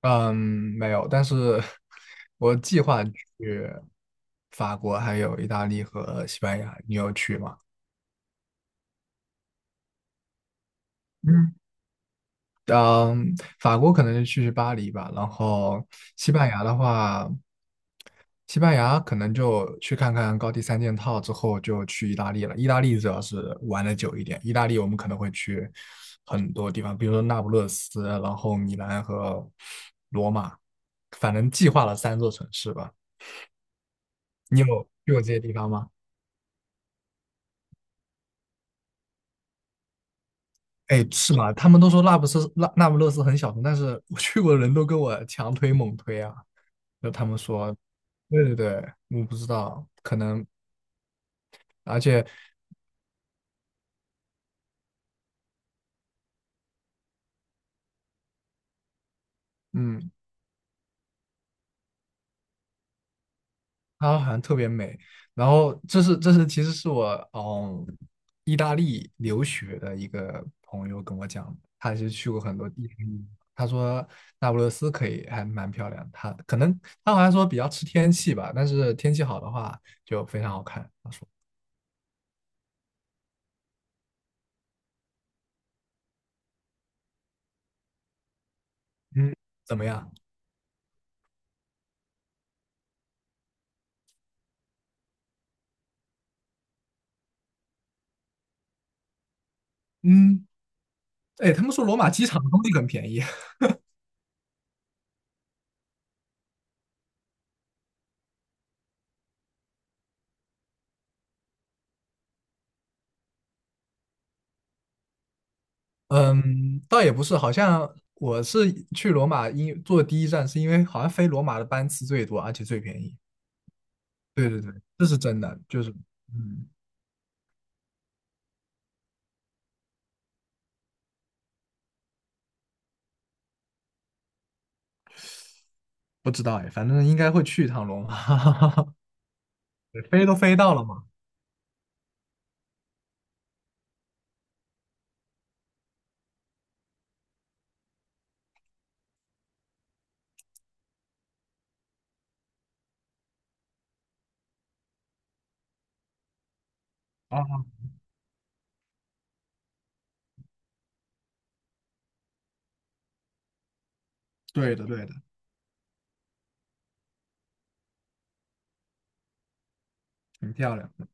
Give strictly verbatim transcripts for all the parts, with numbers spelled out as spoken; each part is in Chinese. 嗯，没有，但是我计划去法国、还有意大利和西班牙，你有去吗？嗯，嗯，法国可能就去巴黎吧，然后西班牙的话，西班牙可能就去看看高地三件套之后就去意大利了。意大利主要是玩的久一点，意大利我们可能会去很多地方，比如说那不勒斯，然后米兰和罗马，反正计划了三座城市吧。你有去过这些地方吗？哎，是吗？他们都说那不是那那不勒斯很小众，但是我 去过的人都跟我强推猛推啊。就他们说，对对对，我不知道，可能，而且，嗯，它好像特别美。然后这是这是其实是我嗯，意大利留学的一个朋友跟我讲的，他是去过很多地方，他说那不勒斯可以还蛮漂亮，他可能他好像说比较吃天气吧，但是天气好的话就非常好看。他说，嗯，怎么样？嗯，哎，他们说罗马机场的东西很便宜。嗯，倒也不是，好像我是去罗马因坐第一站，是因为好像飞罗马的班次最多，而且最便宜。对对对，这是真的，就是嗯，不知道哎，反正应该会去一趟罗马，对飞都飞到了嘛。啊，对的对的，很漂亮的。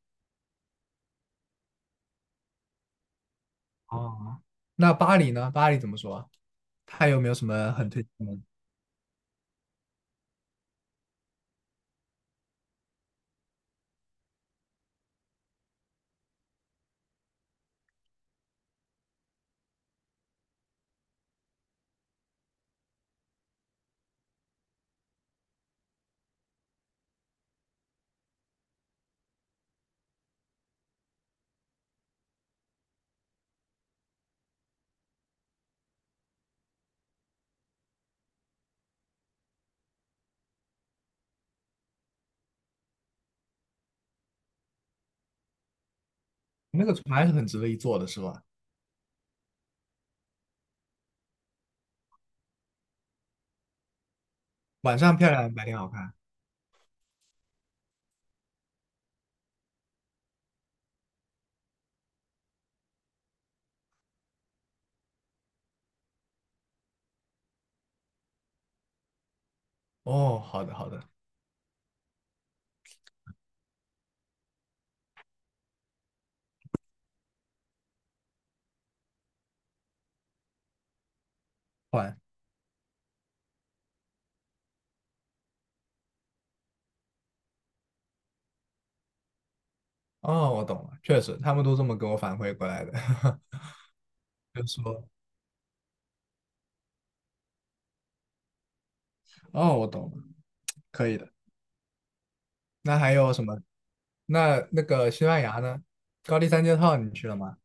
哦，那巴黎呢？巴黎怎么说啊？它有没有什么很推荐的？那个船还是很值得一坐的，是吧？晚上漂亮，白天好看。哦，好的好的，换。哦，我懂了，确实，他们都这么给我反馈过来的，就说，哦，我懂了，可以的。那还有什么？那那个西班牙呢？高地三件套你去了吗？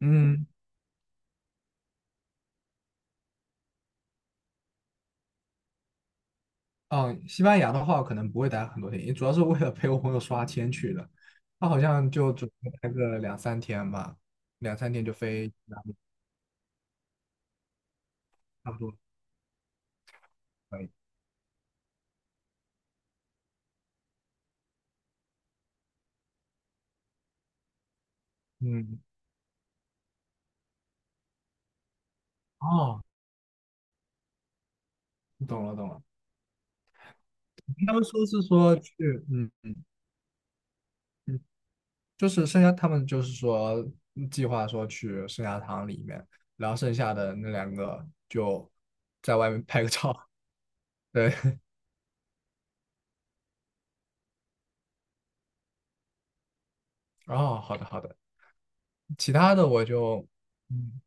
嗯，哦，西班牙的话，可能不会待很多天，主要是为了陪我朋友刷签去的。他好像就准备待个两三天吧，两三天就飞，差不多可以。嗯，哦，懂了懂了。他们说是说去，嗯嗯。就是剩下他们就是说嗯计划说去圣家堂里面，然后剩下的那两个就在外面拍个照。对，哦，好的好的，其他的我就嗯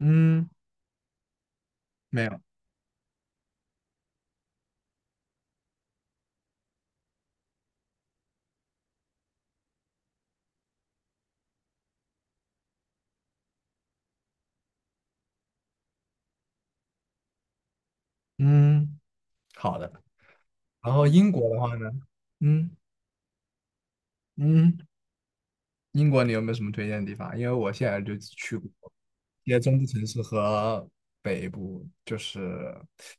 嗯没有嗯好的。然后英国的话呢，嗯嗯，英国你有没有什么推荐的地方？因为我现在就只去过一些中部城市和北部，就是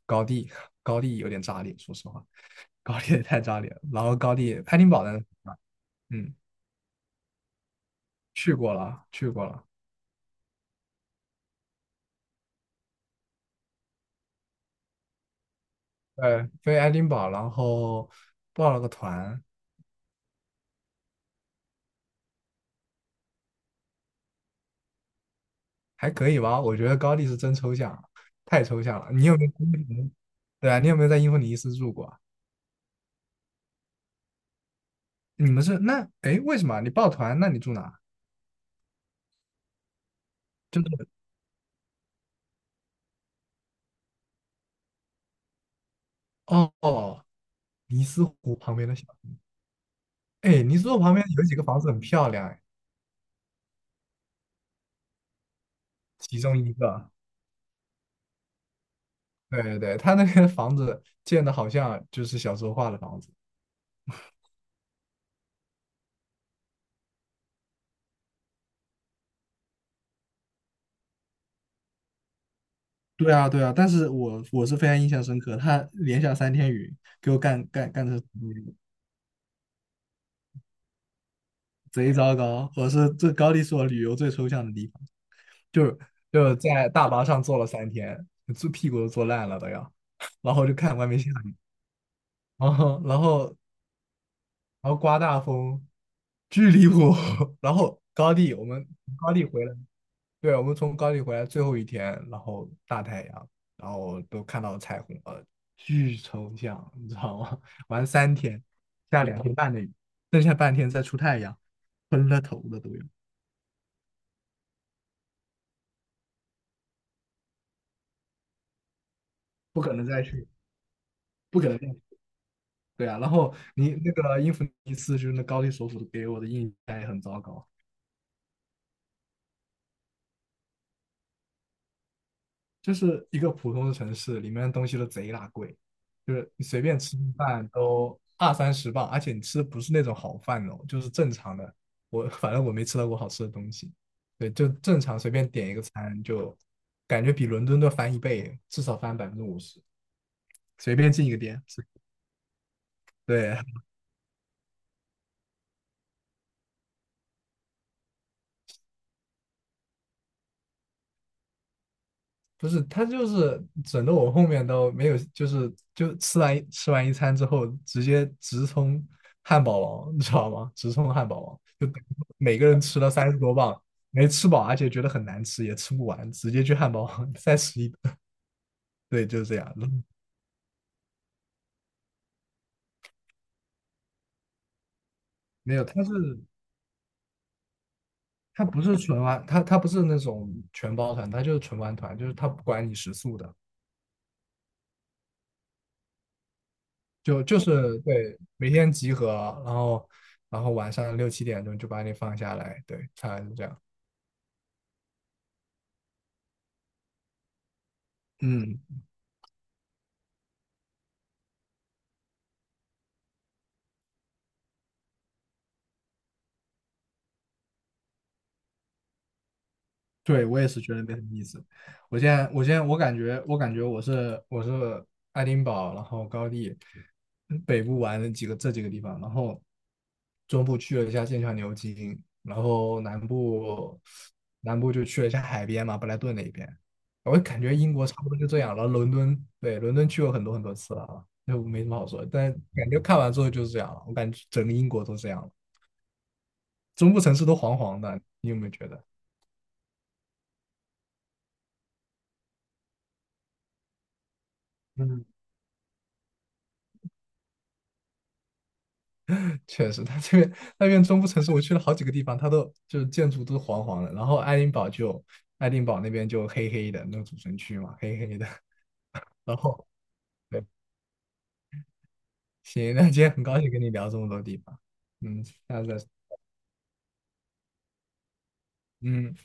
高地，高地有点炸裂，说实话。高地也太炸裂了。然后高地爱丁堡的。嗯，去过了，去过了，对，飞爱丁堡，然后报了个团，还可以吧？我觉得高地是真抽象，太抽象了。你有没有对啊，你有没有在英弗尼斯住过啊你们是那哎，为什么啊你报团？那你住哪啊？就是哦哦，尼斯湖旁边的小，哎，尼斯湖旁边有几个房子很漂亮，哎，其中一个，对对对，他那边的房子建的好像就是小时候画的房子。对啊，对啊，但是我我是非常印象深刻，他连下三天雨，给我干干干的贼糟糕。我是这高地是我旅游最抽象的地方，就是就是在大巴上坐了三天，坐屁股都坐烂了都要，然后就看外面下雨，然后然后然后刮大风，巨离谱。然后高地我们从高地回来对，我们从高地回来最后一天，然后大太阳，然后都看到了彩虹了，巨抽象，你知道吗？玩三天，下两天半的雨，剩下半天再出太阳，昏了头了都有，不可能再去，不可能再去。对啊，然后你那个英弗一次，就是那高丽首府给我的印象也很糟糕。就是一个普通的城市，里面的东西都贼拉贵，就是你随便吃顿饭都二三十磅，而且你吃的不是那种好饭哦，就是正常的。我反正我没吃到过好吃的东西，对，就正常随便点一个餐，就感觉比伦敦都翻一倍，至少翻百分之五十，随便进一个店，对，不是，他就是整的我后面都没有，就是就吃完一吃完一餐之后，直接直冲汉堡王，你知道吗？直冲汉堡王，就每个人吃了三十多磅，没吃饱，而且觉得很难吃，也吃不完，直接去汉堡王再吃一顿。对，就是这样。没有，他是他不是纯玩，他他不是那种全包团，他就是纯玩团，就是他不管你食宿的，就就是对每天集合，然后然后晚上六七点钟就把你放下来，对，他是这样。嗯，对，我也是觉得没什么意思。我现在，我现在，我感觉，我感觉我是我是爱丁堡，然后高地北部玩了几个这几个地方，然后中部去了一下剑桥、牛津，然后南部南部就去了一下海边嘛，布莱顿那一边。我感觉英国差不多就这样了。然后伦敦，对，伦敦去过很多很多次了啊，就没什么好说。但感觉看完之后就是这样了，我感觉整个英国都这样了，中部城市都黄黄的，你有没有觉得？嗯，确实，它这边那边中部城市，我去了好几个地方，它都就是建筑都黄黄的，然后爱丁堡就爱丁堡那边就黑黑的，那个主城区嘛，黑黑的。然后对，行，那今天很高兴跟你聊这么多地方，嗯，下次再，嗯。